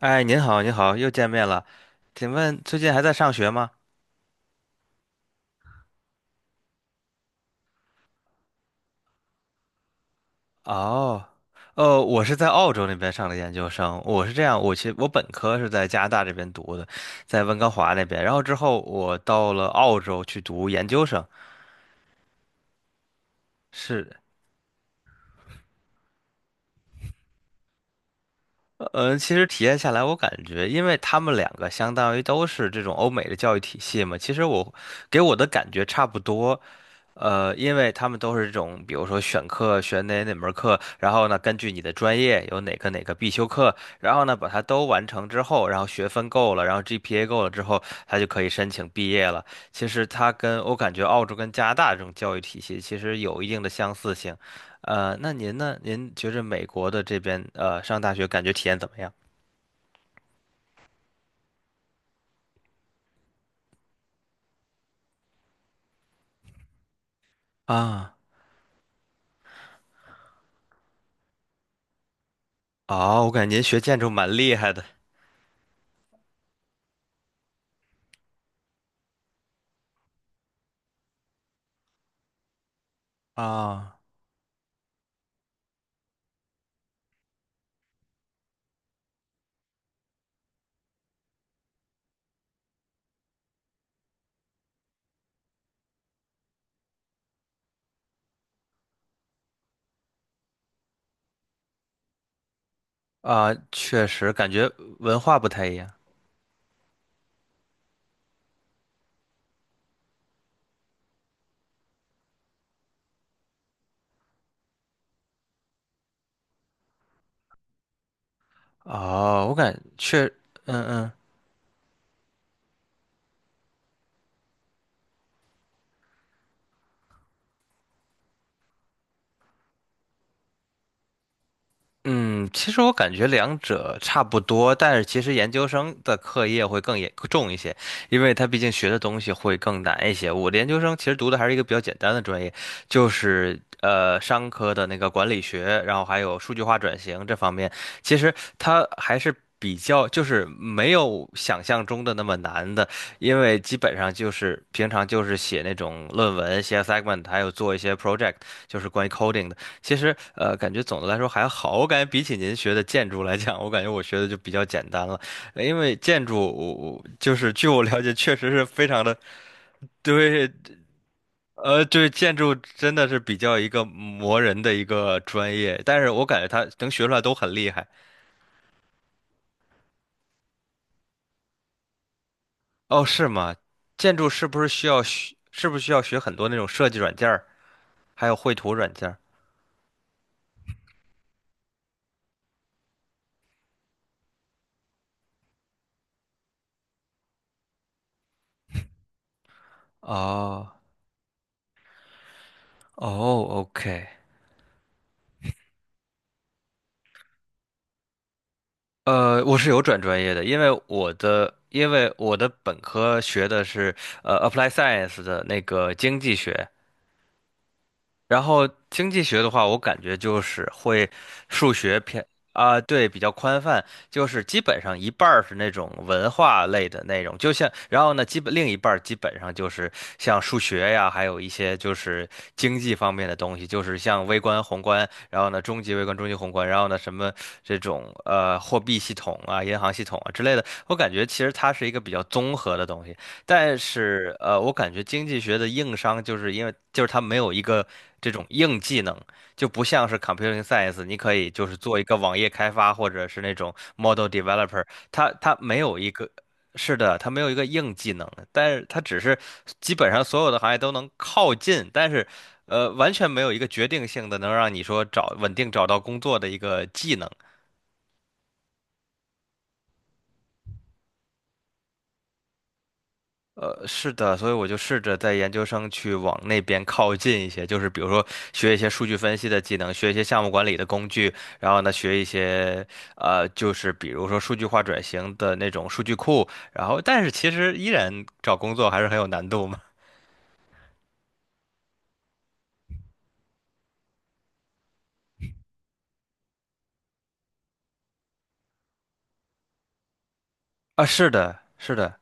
哎，您好，您好，又见面了。请问最近还在上学吗？哦，哦，我是在澳洲那边上的研究生。我是这样，我其实我本科是在加拿大这边读的，在温哥华那边。然后之后我到了澳洲去读研究生。是，其实体验下来，我感觉，因为他们两个相当于都是这种欧美的教育体系嘛，其实我给我的感觉差不多。因为他们都是这种，比如说选课选哪门课，然后呢，根据你的专业有哪个必修课，然后呢，把它都完成之后，然后学分够了，然后 GPA 够了之后，他就可以申请毕业了。其实它跟我感觉澳洲跟加拿大这种教育体系其实有一定的相似性。那您呢？您觉着美国的这边上大学感觉体验怎么样？啊，哦，我感觉您学建筑蛮厉害的啊啊，确实感觉文化不太一样。哦，我感确，嗯嗯嗯，其实我感觉两者差不多，但是其实研究生的课业会更严重一些，因为他毕竟学的东西会更难一些。我的研究生其实读的还是一个比较简单的专业，就是商科的那个管理学，然后还有数据化转型这方面。其实它还是比较，就是没有想象中的那么难的，因为基本上就是平常就是写那种论文、写 segment，还有做一些 project，就是关于 coding 的。其实感觉总的来说还好，我感觉比起您学的建筑来讲，我感觉我学的就比较简单了，因为建筑我就是据我了解，确实是非常的，对。对，建筑真的是比较一个磨人的一个专业，但是我感觉他能学出来都很厉害。哦，是吗？建筑是不是需要学，很多那种设计软件儿，还有绘图软件儿？哦，哦，OK，我是有转专业的，因为我的本科学的是Apply Science 的那个经济学，然后经济学的话，我感觉就是会数学偏啊，对，比较宽泛，就是基本上一半儿是那种文化类的内容，就像，然后呢，基本另一半儿基本上就是像数学呀，还有一些就是经济方面的东西，就是像微观、宏观，然后呢，中级微观、中级宏观，然后呢，什么这种货币系统啊、银行系统啊之类的，我感觉其实它是一个比较综合的东西。但是我感觉经济学的硬伤就是因为就是它没有一个这种硬技能，就不像是 computing science，你可以就是做一个网页开发或者是那种 model developer，它没有一个。是的，它没有一个硬技能，但是它只是基本上所有的行业都能靠近，但是，完全没有一个决定性的能让你说找稳定找到工作的一个技能。是的，所以我就试着在研究生去往那边靠近一些，就是比如说学一些数据分析的技能，学一些项目管理的工具，然后呢，学一些就是比如说数据化转型的那种数据库，然后但是其实依然找工作还是很有难度嘛。啊，是的，是的。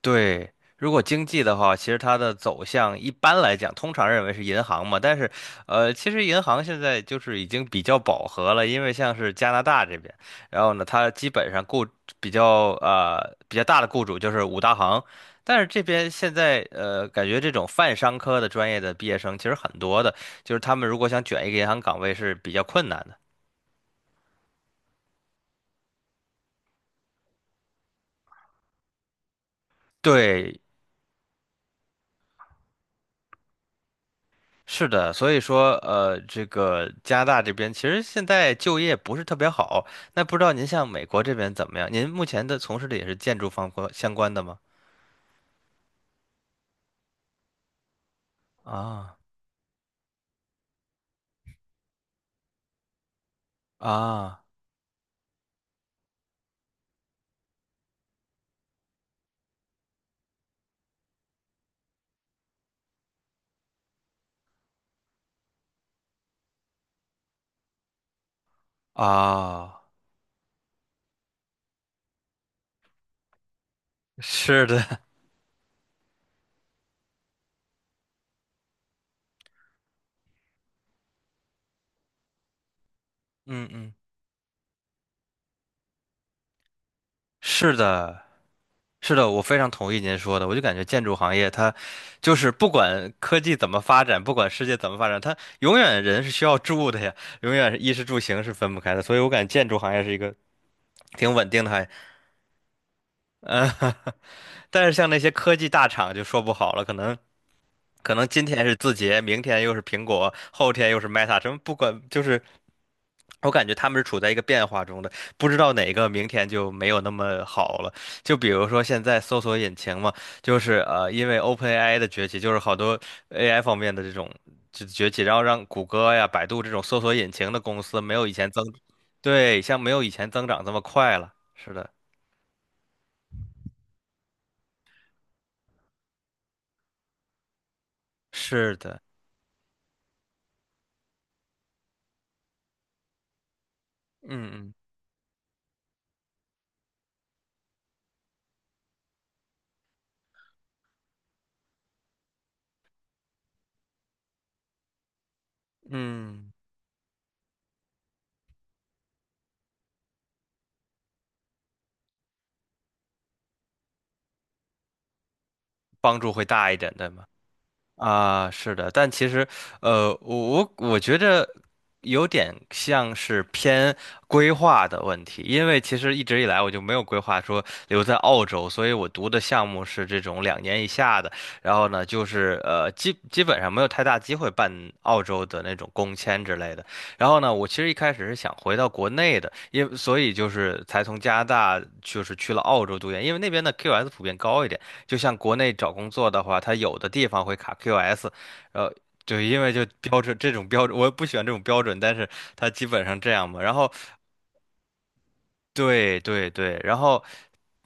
对，如果经济的话，其实它的走向一般来讲，通常认为是银行嘛，但是，其实银行现在就是已经比较饱和了，因为像是加拿大这边，然后呢，它基本上比较大的雇主就是五大行，但是这边现在感觉这种泛商科的专业的毕业生其实很多的，就是他们如果想卷一个银行岗位是比较困难的。对，是的，所以说，这个加拿大这边其实现在就业不是特别好。那不知道您像美国这边怎么样？您目前的从事的也是建筑方关相关的吗？啊啊啊！是的，嗯嗯，是的，是的，我非常同意您说的。我就感觉建筑行业它就是不管科技怎么发展，不管世界怎么发展，它永远人是需要住的呀，永远是衣食住行是分不开的。所以我感觉建筑行业是一个挺稳定的行业。嗯但是像那些科技大厂就说不好了，可能今天是字节，明天又是苹果，后天又是 Meta，什么不管就是。我感觉他们是处在一个变化中的，不知道哪个明天就没有那么好了。就比如说现在搜索引擎嘛，就是因为 OpenAI 的崛起，就是好多 AI 方面的这种就崛起，然后让谷歌呀、百度这种搜索引擎的公司没有以前增，对，像没有以前增长这么快了。是的，是的，嗯嗯嗯。帮助会大一点，对吗？啊，是的，但其实，我觉得有点像是偏规划的问题，因为其实一直以来我就没有规划说留在澳洲，所以我读的项目是这种2年以下的，然后呢，就是基本上没有太大机会办澳洲的那种工签之类的。然后呢，我其实一开始是想回到国内的，所以就是才从加拿大就是去了澳洲读研，因为那边的 QS 普遍高一点。就像国内找工作的话，它有的地方会卡 QS，呃，就因为就标准这种标准，我也不喜欢这种标准，但是它基本上这样嘛。然后，对对对，然后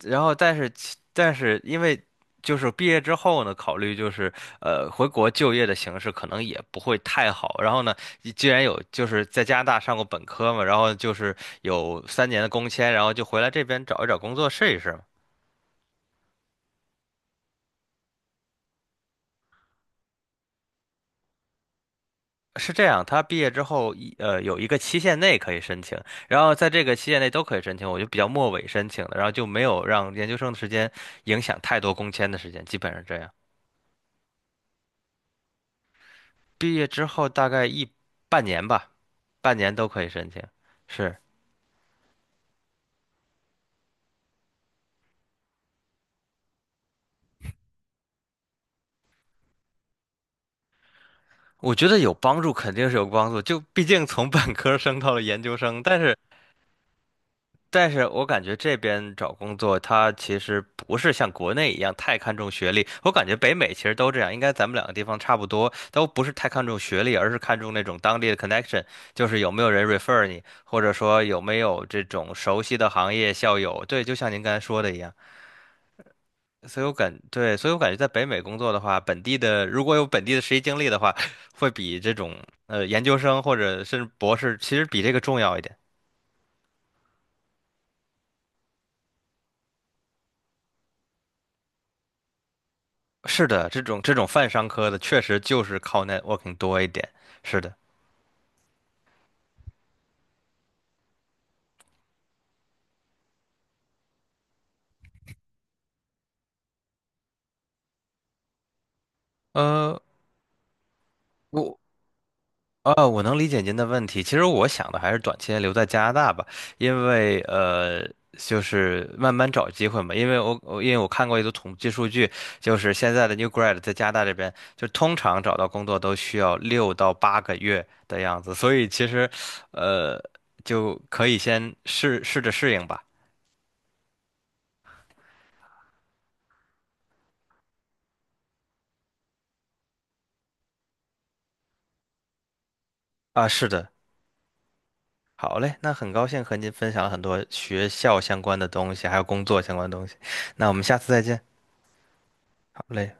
然后但是因为就是毕业之后呢，考虑就是回国就业的形式可能也不会太好。然后呢，你既然有就是在加拿大上过本科嘛，然后就是有3年的工签，然后就回来这边找一找工作试一试嘛。是这样，他毕业之后有一个期限内可以申请，然后在这个期限内都可以申请，我就比较末尾申请的，然后就没有让研究生的时间影响太多工签的时间，基本上这样。毕业之后大概半年吧，半年都可以申请。是，我觉得有帮助，肯定是有帮助。就毕竟从本科生到了研究生，但是我感觉这边找工作，它其实不是像国内一样太看重学历。我感觉北美其实都这样，应该咱们两个地方差不多，都不是太看重学历，而是看重那种当地的 connection，就是有没有人 refer 你，或者说有没有这种熟悉的行业校友。对，就像您刚才说的一样，所以我感，对，所以我感觉在北美工作的话，本地的如果有本地的实习经历的话，会比这种研究生或者甚至博士，其实比这个重要一点。是的，这种泛商科的确实就是靠 networking 多一点。是的，呃，我啊，我能理解您的问题。其实我想的还是短期内留在加拿大吧，因为就是慢慢找机会嘛。因为我看过一组统计数据，就是现在的 new grad 在加拿大这边，就通常找到工作都需要6到8个月的样子，所以其实呃，就可以先试试着适应吧。啊，是的。好嘞，那很高兴和您分享了很多学校相关的东西，还有工作相关的东西。那我们下次再见。好嘞。